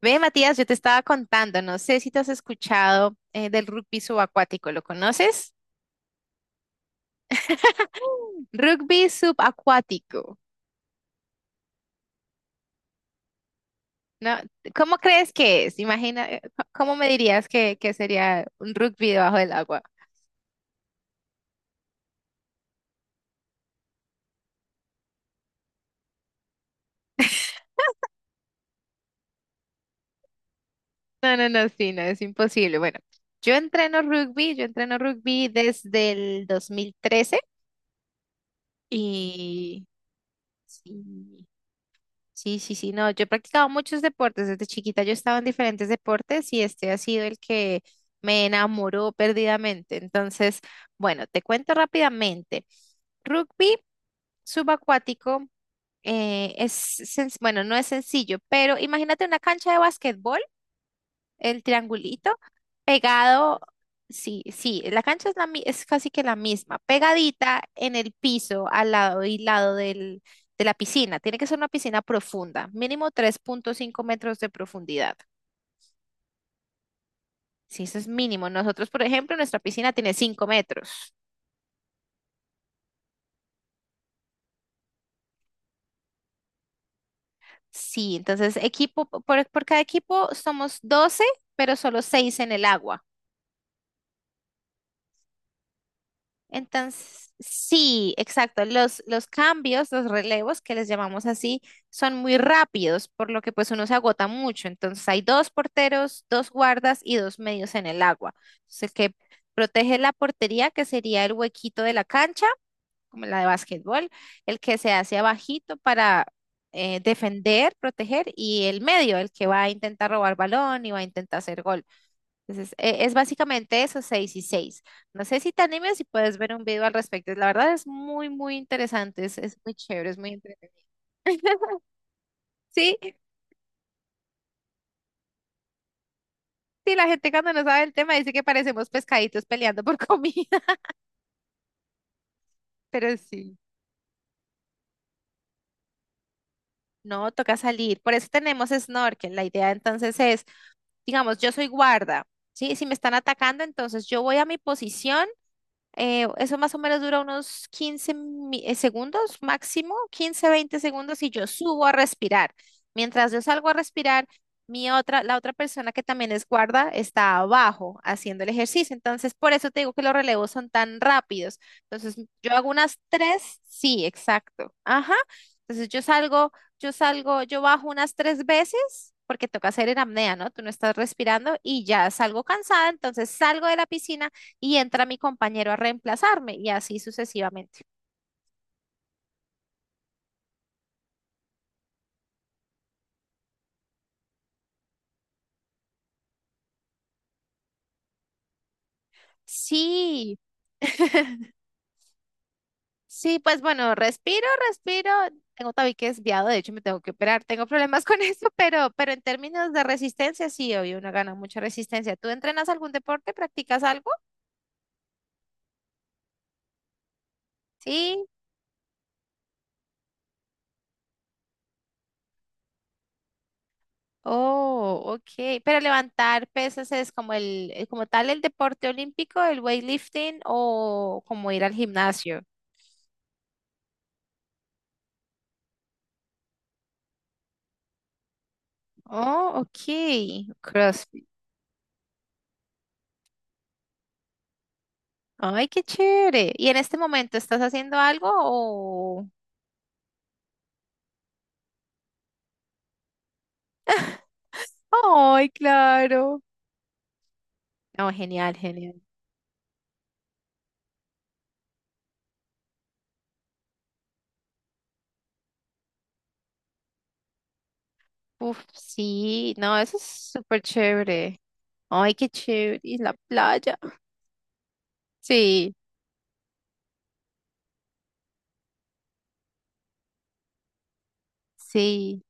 Ve, Matías, yo te estaba contando, no sé si te has escuchado del rugby subacuático, ¿lo conoces? Rugby subacuático, ¿no? ¿Cómo crees que es? Imagina, ¿cómo me dirías que sería un rugby debajo del agua? No, no, no, sí, no, es imposible. Bueno, yo entreno rugby desde el 2013 y sí, sí, sí, sí, no, yo he practicado muchos deportes, desde chiquita yo estaba en diferentes deportes y este ha sido el que me enamoró perdidamente. Entonces, bueno, te cuento rápidamente. Rugby subacuático eh, es, bueno, no es sencillo, pero imagínate una cancha de básquetbol el triangulito, pegado, sí, sí, la cancha es, es casi que la misma, pegadita en el piso, al lado y lado de la piscina. Tiene que ser una piscina profunda, mínimo 3,5 metros de profundidad. Sí, eso es mínimo. Nosotros, por ejemplo, nuestra piscina tiene 5 metros. Sí, entonces equipo, por cada equipo somos 12 pero solo 6 en el agua. Entonces, sí, exacto. Los cambios, los relevos, que les llamamos así, son muy rápidos, por lo que pues uno se agota mucho. Entonces hay dos porteros, dos guardas y dos medios en el agua. Entonces, el que protege la portería, que sería el huequito de la cancha, como la de básquetbol, el que se hace abajito para defender, proteger, y el medio, el que va a intentar robar balón y va a intentar hacer gol. Entonces, es básicamente eso, 6 y 6. No sé si te animes y puedes ver un video al respecto. La verdad es muy, muy interesante. Es muy chévere, es muy interesante. Sí, sí, la gente cuando no sabe el tema dice que parecemos pescaditos peleando por comida, pero sí. No, toca salir. Por eso tenemos snorkel. La idea entonces es, digamos, yo soy guarda, ¿sí? Si me están atacando, entonces yo voy a mi posición. Eso más o menos dura unos 15 segundos máximo, 15 20 segundos y yo subo a respirar. Mientras yo salgo a respirar, la otra persona que también es guarda está abajo haciendo el ejercicio. Entonces, por eso te digo que los relevos son tan rápidos. Entonces, yo hago unas tres, sí, exacto. Ajá. Entonces, yo salgo, yo bajo unas tres veces. Porque toca hacer en apnea, ¿no? Tú no estás respirando y ya salgo cansada, entonces salgo de la piscina y entra mi compañero a reemplazarme y así sucesivamente. Sí, sí, pues bueno, respiro, respiro. Tengo tabique desviado, de hecho me tengo que operar. Tengo problemas con eso, pero en términos de resistencia, sí, obvio, uno gana mucha resistencia. ¿Tú entrenas algún deporte? ¿Practicas algo? Sí. Oh, ok. Pero levantar pesas es como como tal el deporte olímpico, el weightlifting o como ir al gimnasio. Oh, ok. Cross. Ay, qué chévere. ¿Y en este momento estás haciendo algo o? Ay, claro. No, genial, genial. Uf, sí, no, eso es súper chévere. Ay, qué chévere. Y la playa. Sí, sí.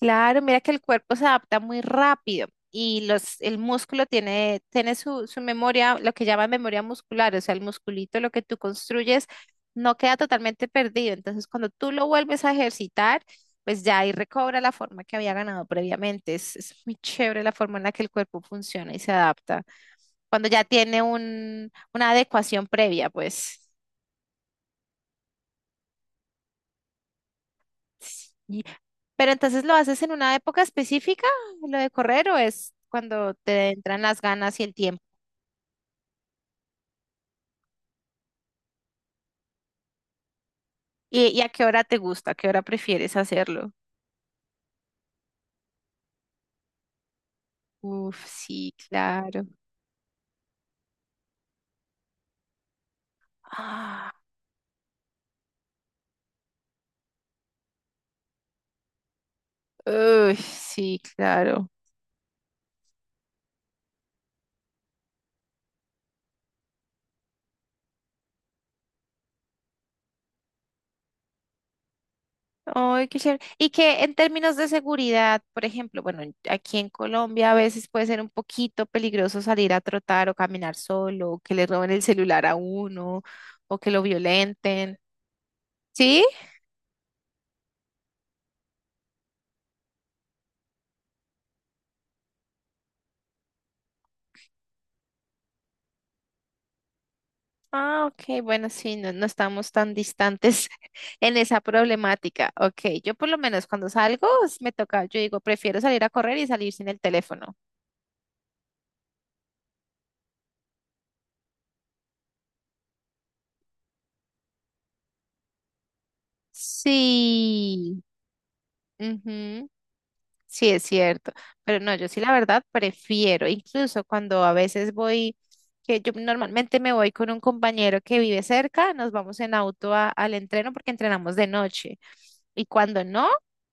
Claro, mira que el cuerpo se adapta muy rápido y el músculo tiene su memoria, lo que llaman memoria muscular, o sea, el musculito, lo que tú construyes, no queda totalmente perdido. Entonces, cuando tú lo vuelves a ejercitar, pues ya ahí recobra la forma que había ganado previamente. Es muy chévere la forma en la que el cuerpo funciona y se adapta. Cuando ya tiene una adecuación previa, pues. Pero entonces lo haces en una época específica, lo de correr, o es cuando te entran las ganas y el tiempo. ¿Y a qué hora te gusta? ¿A qué hora prefieres hacerlo? Uf, sí, claro. Ah, uy, sí, claro. Ay, qué chévere. Y que en términos de seguridad, por ejemplo, bueno, aquí en Colombia a veces puede ser un poquito peligroso salir a trotar o caminar solo, o que le roben el celular a uno, o que lo violenten. ¿Sí? Ah, ok, bueno, sí, no, no estamos tan distantes en esa problemática. Ok, yo por lo menos cuando salgo me toca, yo digo, prefiero salir a correr y salir sin el teléfono. Sí, ujú, sí es cierto, pero no, yo sí la verdad prefiero, incluso cuando a veces voy, que yo normalmente me voy con un compañero que vive cerca, nos vamos en auto al entreno porque entrenamos de noche. Y cuando no,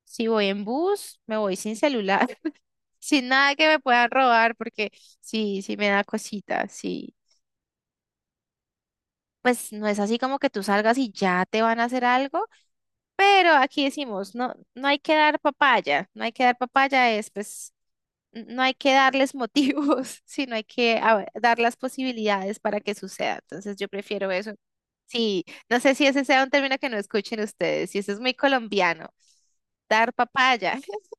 si voy en bus, me voy sin celular, sin nada que me puedan robar, porque sí, sí me da cosita sí. Pues no es así como que tú salgas y ya te van a hacer algo, pero aquí decimos, no, no hay que dar papaya, no hay que dar papaya es, pues, no hay que darles motivos, sino hay que ver, dar las posibilidades para que suceda. Entonces yo prefiero eso. Sí, no sé si ese sea un término que no escuchen ustedes, y eso es muy colombiano. Dar papaya.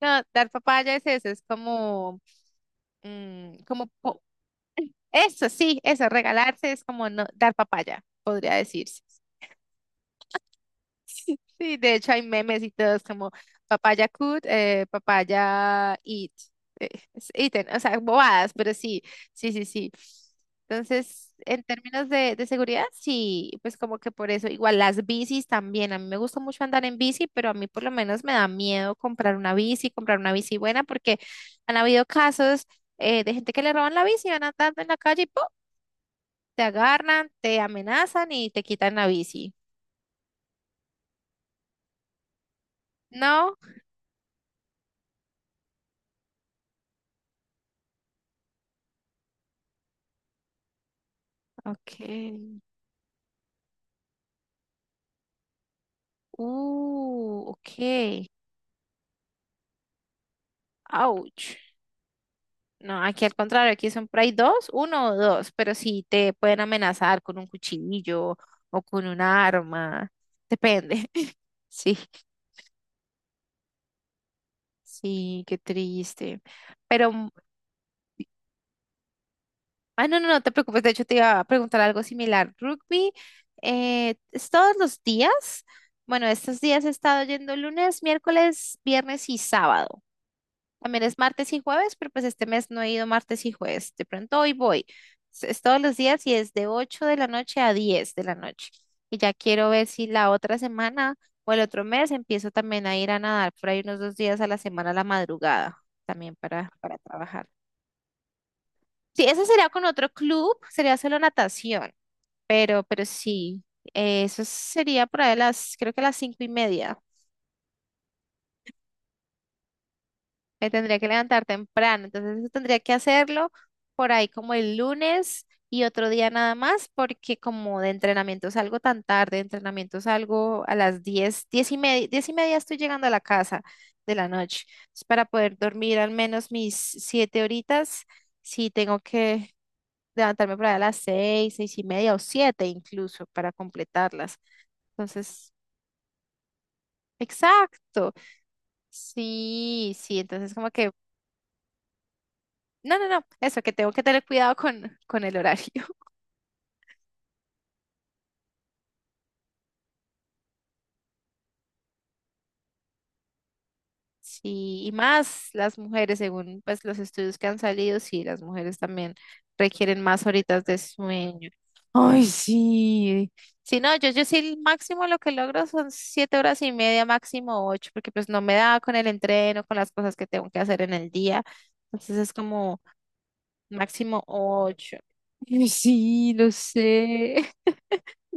No, dar papaya es eso, es como, como. Eso sí, eso, regalarse es como no, dar papaya, podría decirse. Sí, de hecho hay memes y todos como papaya could, papaya eat, eh, es eaten, o sea, bobadas, pero sí, sí, sí, sí. Entonces, en términos de seguridad, sí, pues como que por eso, igual las bicis también, a mí me gusta mucho andar en bici, pero a mí por lo menos me da miedo comprar una bici buena, porque han habido casos de gente que le roban la bici, van andando en la calle y ¡pum! Te agarran, te amenazan y te quitan la bici. No, ok. Ok. Ouch. No, aquí al contrario, aquí son por ahí dos, uno o dos, pero sí te pueden amenazar con un cuchillo o con un arma. Depende. Sí, sí, qué triste. Pero Ah, no, no, no te preocupes. De hecho, te iba a preguntar algo similar. Rugby, ¿es todos los días? Bueno, estos días he estado yendo lunes, miércoles, viernes y sábado. También es martes y jueves, pero pues este mes no he ido martes y jueves. De pronto hoy voy. Es todos los días y es de 8 de la noche a 10 de la noche. Y ya quiero ver si la otra semana o el otro mes empiezo también a ir a nadar por ahí unos 2 días a la semana a la madrugada, también para trabajar. Sí, ese sería con otro club, sería solo natación, pero sí, eso sería por ahí creo que a las 5:30. Me tendría que levantar temprano, entonces eso tendría que hacerlo por ahí como el lunes y otro día nada más, porque como de entrenamiento salgo tan tarde, de entrenamiento salgo a las diez, 10:30 estoy llegando a la casa de la noche. Entonces, para poder dormir al menos mis 7 horitas, sí tengo que levantarme por allá a las seis, seis y media o siete incluso para completarlas. Entonces, exacto. Sí, sí, entonces como que, no, no, no, eso, que tengo que tener cuidado con el horario. Sí, y más las mujeres, según pues los estudios que han salido, sí, las mujeres también requieren más horitas de sueño. Ay, sí. Sí, no, yo sí el máximo lo que logro son 7 horas y media, máximo ocho, porque pues no me da con el entreno, con las cosas que tengo que hacer en el día. Entonces es como máximo ocho. Ay, sí, lo sé.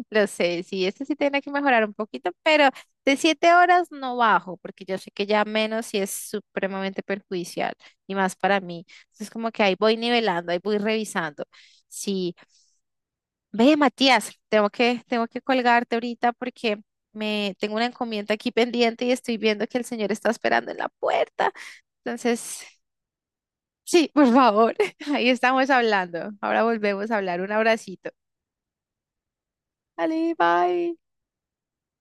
Lo sé, sí, este sí tiene que mejorar un poquito, pero de 7 horas no bajo, porque yo sé que ya menos sí es supremamente perjudicial y más para mí. Entonces, como que ahí voy nivelando, ahí voy revisando. Sí, ve, Matías, tengo que colgarte ahorita porque me tengo una encomienda aquí pendiente y estoy viendo que el señor está esperando en la puerta. Entonces, sí, por favor, ahí estamos hablando. Ahora volvemos a hablar. Un abracito. Dale, bye.